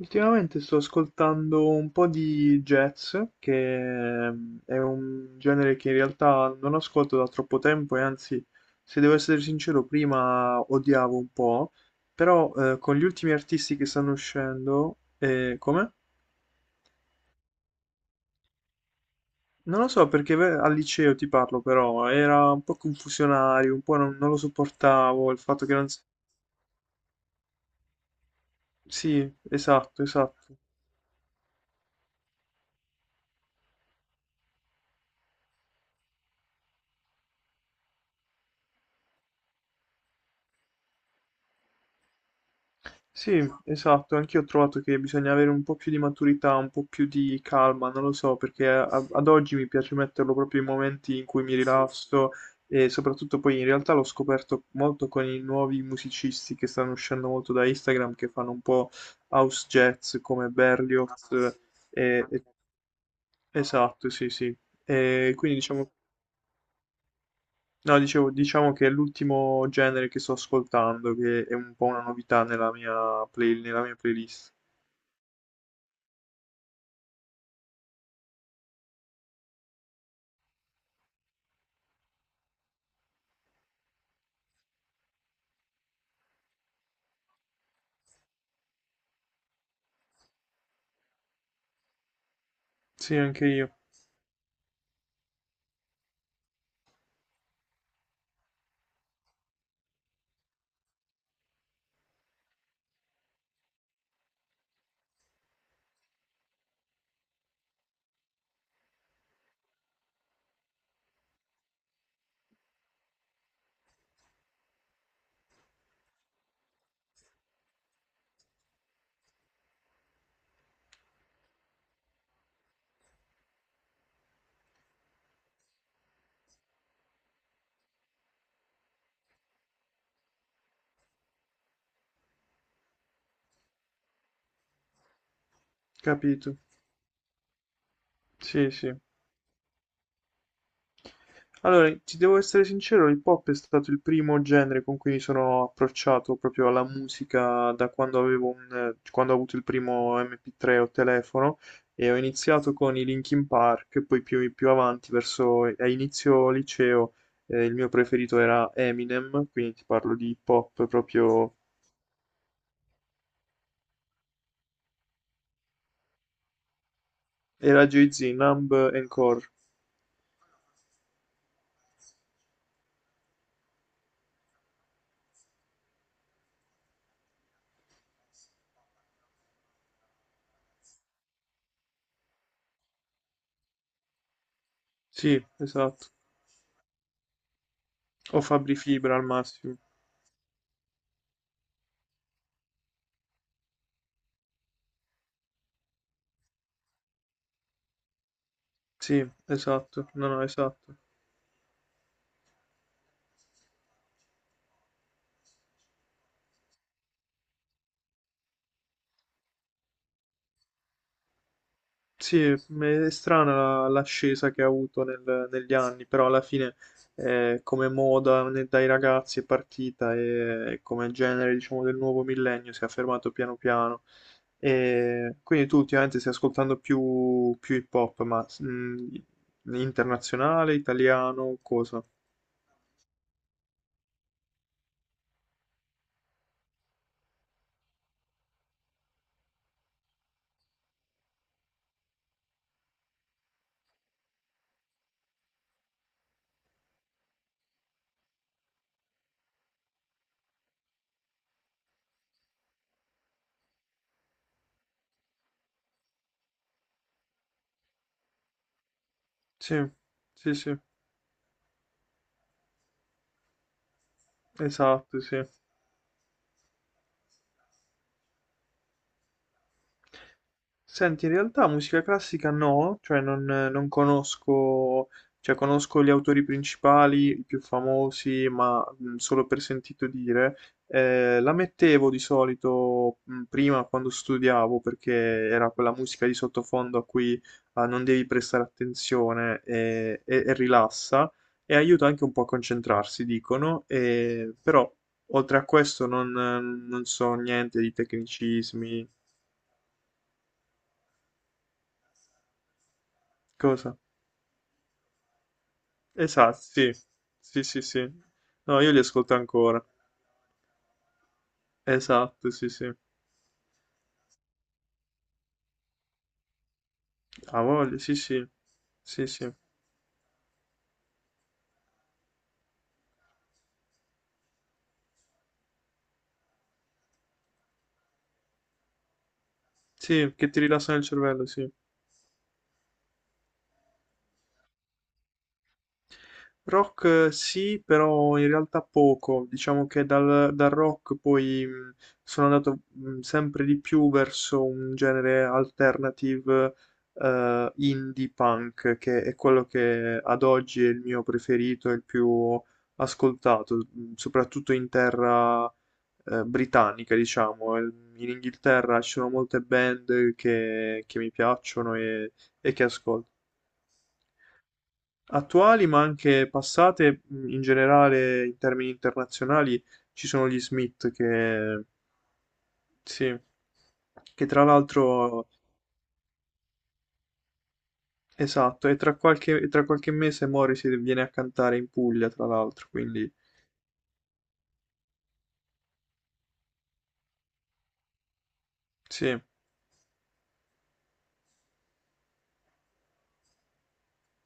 Ultimamente sto ascoltando un po' di jazz, che è un genere che in realtà non ascolto da troppo tempo e anzi, se devo essere sincero, prima odiavo un po', però con gli ultimi artisti che stanno uscendo, come? Non lo so perché al liceo ti parlo, però era un po' confusionario, un po' non lo sopportavo, il fatto che non s- Sì, esatto, esatto. Sì, esatto, anch'io ho trovato che bisogna avere un po' più di maturità, un po' più di calma, non lo so, perché a- ad oggi mi piace metterlo proprio in momenti in cui mi rilasso e soprattutto poi in realtà l'ho scoperto molto con i nuovi musicisti che stanno uscendo molto da Instagram, che fanno un po' house jazz come Berlioz e- Esatto, sì, sì. E quindi diciamo, no, dicevo, diciamo che è l'ultimo genere che sto ascoltando, che è un po' una novità nella mia nella mia playlist. Sì, anche io, capito. Sì, sì. Allora, ti devo essere sincero, il pop è stato il primo genere con cui mi sono approcciato proprio alla musica da quando avevo un, quando ho avuto il primo MP3 o telefono e ho iniziato con i Linkin Park, poi più avanti, verso a inizio liceo, il mio preferito era Eminem, quindi ti parlo di hip hop proprio, era Jay-Z, Numb and Core. Sì, esatto. O Fabri Fibra al massimo. Sì, esatto, no, no, esatto. Sì, è strana l'ascesa che ha avuto negli anni, però alla fine come moda ne- dai ragazzi è partita e come genere, diciamo, del nuovo millennio si è affermato piano piano. E quindi tu ultimamente stai ascoltando più hip hop, ma internazionale, italiano, cosa? Sì, sì, sì, esatto, sì. Senti, in realtà musica classica no, cioè non conosco, cioè conosco gli autori principali, i più famosi, ma solo per sentito dire. La mettevo di solito prima quando studiavo, perché era quella musica di sottofondo a cui ah, non devi prestare attenzione e, e rilassa, e aiuta anche un po' a concentrarsi, dicono, e, però oltre a questo non so niente di tecnicismi, cosa? Esatto, sì. Sì, sì, sì. No, io li ascolto ancora. Esatto, sì, sì. Ha voglia, sì, sì. Sì, sì. Sì, che ti rilassano il cervello, sì. Rock sì, però in realtà poco. Diciamo che dal rock poi sono andato sempre di più verso un genere alternative indie punk, che è quello che ad oggi è il mio preferito e il più ascoltato, soprattutto in terra britannica, diciamo. In Inghilterra ci sono molte band che mi piacciono e che ascolto. Attuali ma anche passate, in generale in termini internazionali ci sono gli Smith che, sì, che tra l'altro, esatto, e e tra qualche mese Morrissey viene a cantare in Puglia, tra l'altro, quindi sì,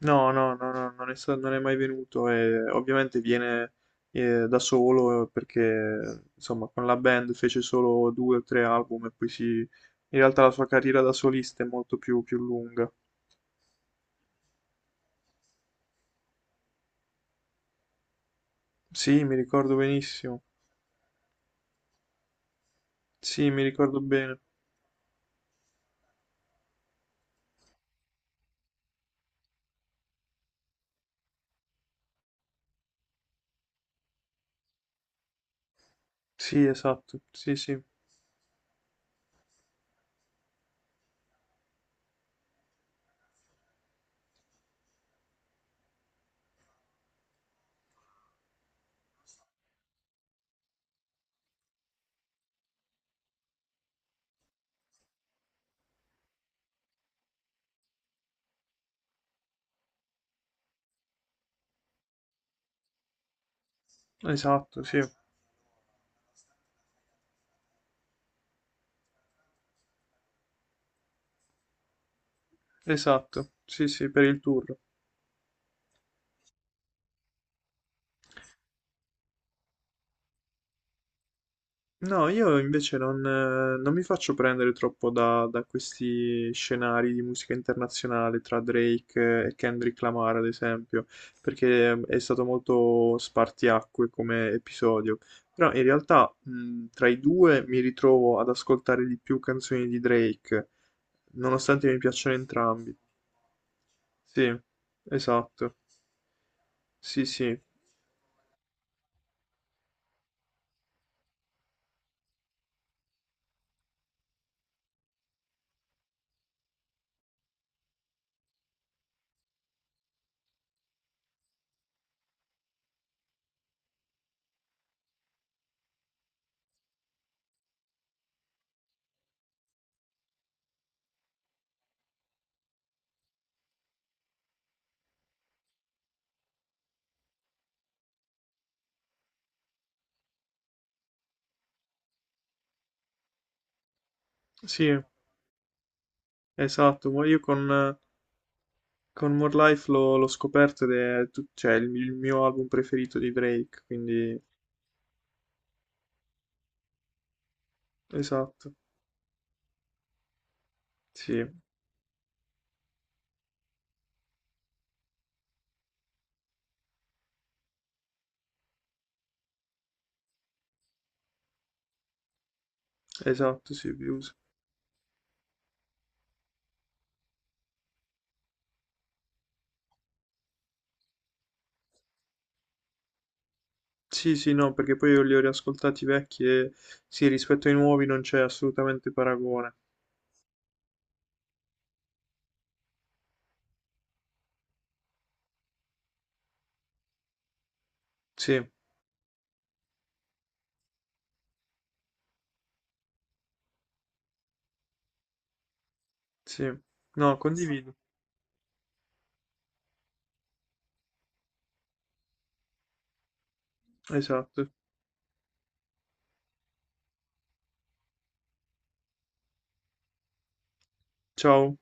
no, no, no, no, non è, sta- non è mai venuto e ovviamente viene da solo perché insomma con la band fece solo 2 o 3 album e poi si... In realtà la sua carriera da solista è molto più lunga. Sì, mi ricordo benissimo. Sì, mi ricordo bene. Sì, esatto. Sì, sì. Esatto, sì. Esatto. Sì, sì, per il tour. No, io invece non mi faccio prendere troppo da questi scenari di musica internazionale tra Drake e Kendrick Lamar, ad esempio, perché è stato molto spartiacque come episodio. Però in realtà, tra i due mi ritrovo ad ascoltare di più canzoni di Drake, nonostante mi piacciono entrambi. Sì, esatto. Sì, sì. Sì, esatto. Ma con More Life l'ho scoperto ed è tut- cioè, il mio album preferito di Drake, quindi esatto. Sì, esatto, sì, Views. Sì, sì, no, perché poi io li ho riascoltati vecchi e sì, rispetto ai nuovi non c'è assolutamente paragone. Sì, sì. No, condivido. Esatto. Ciao.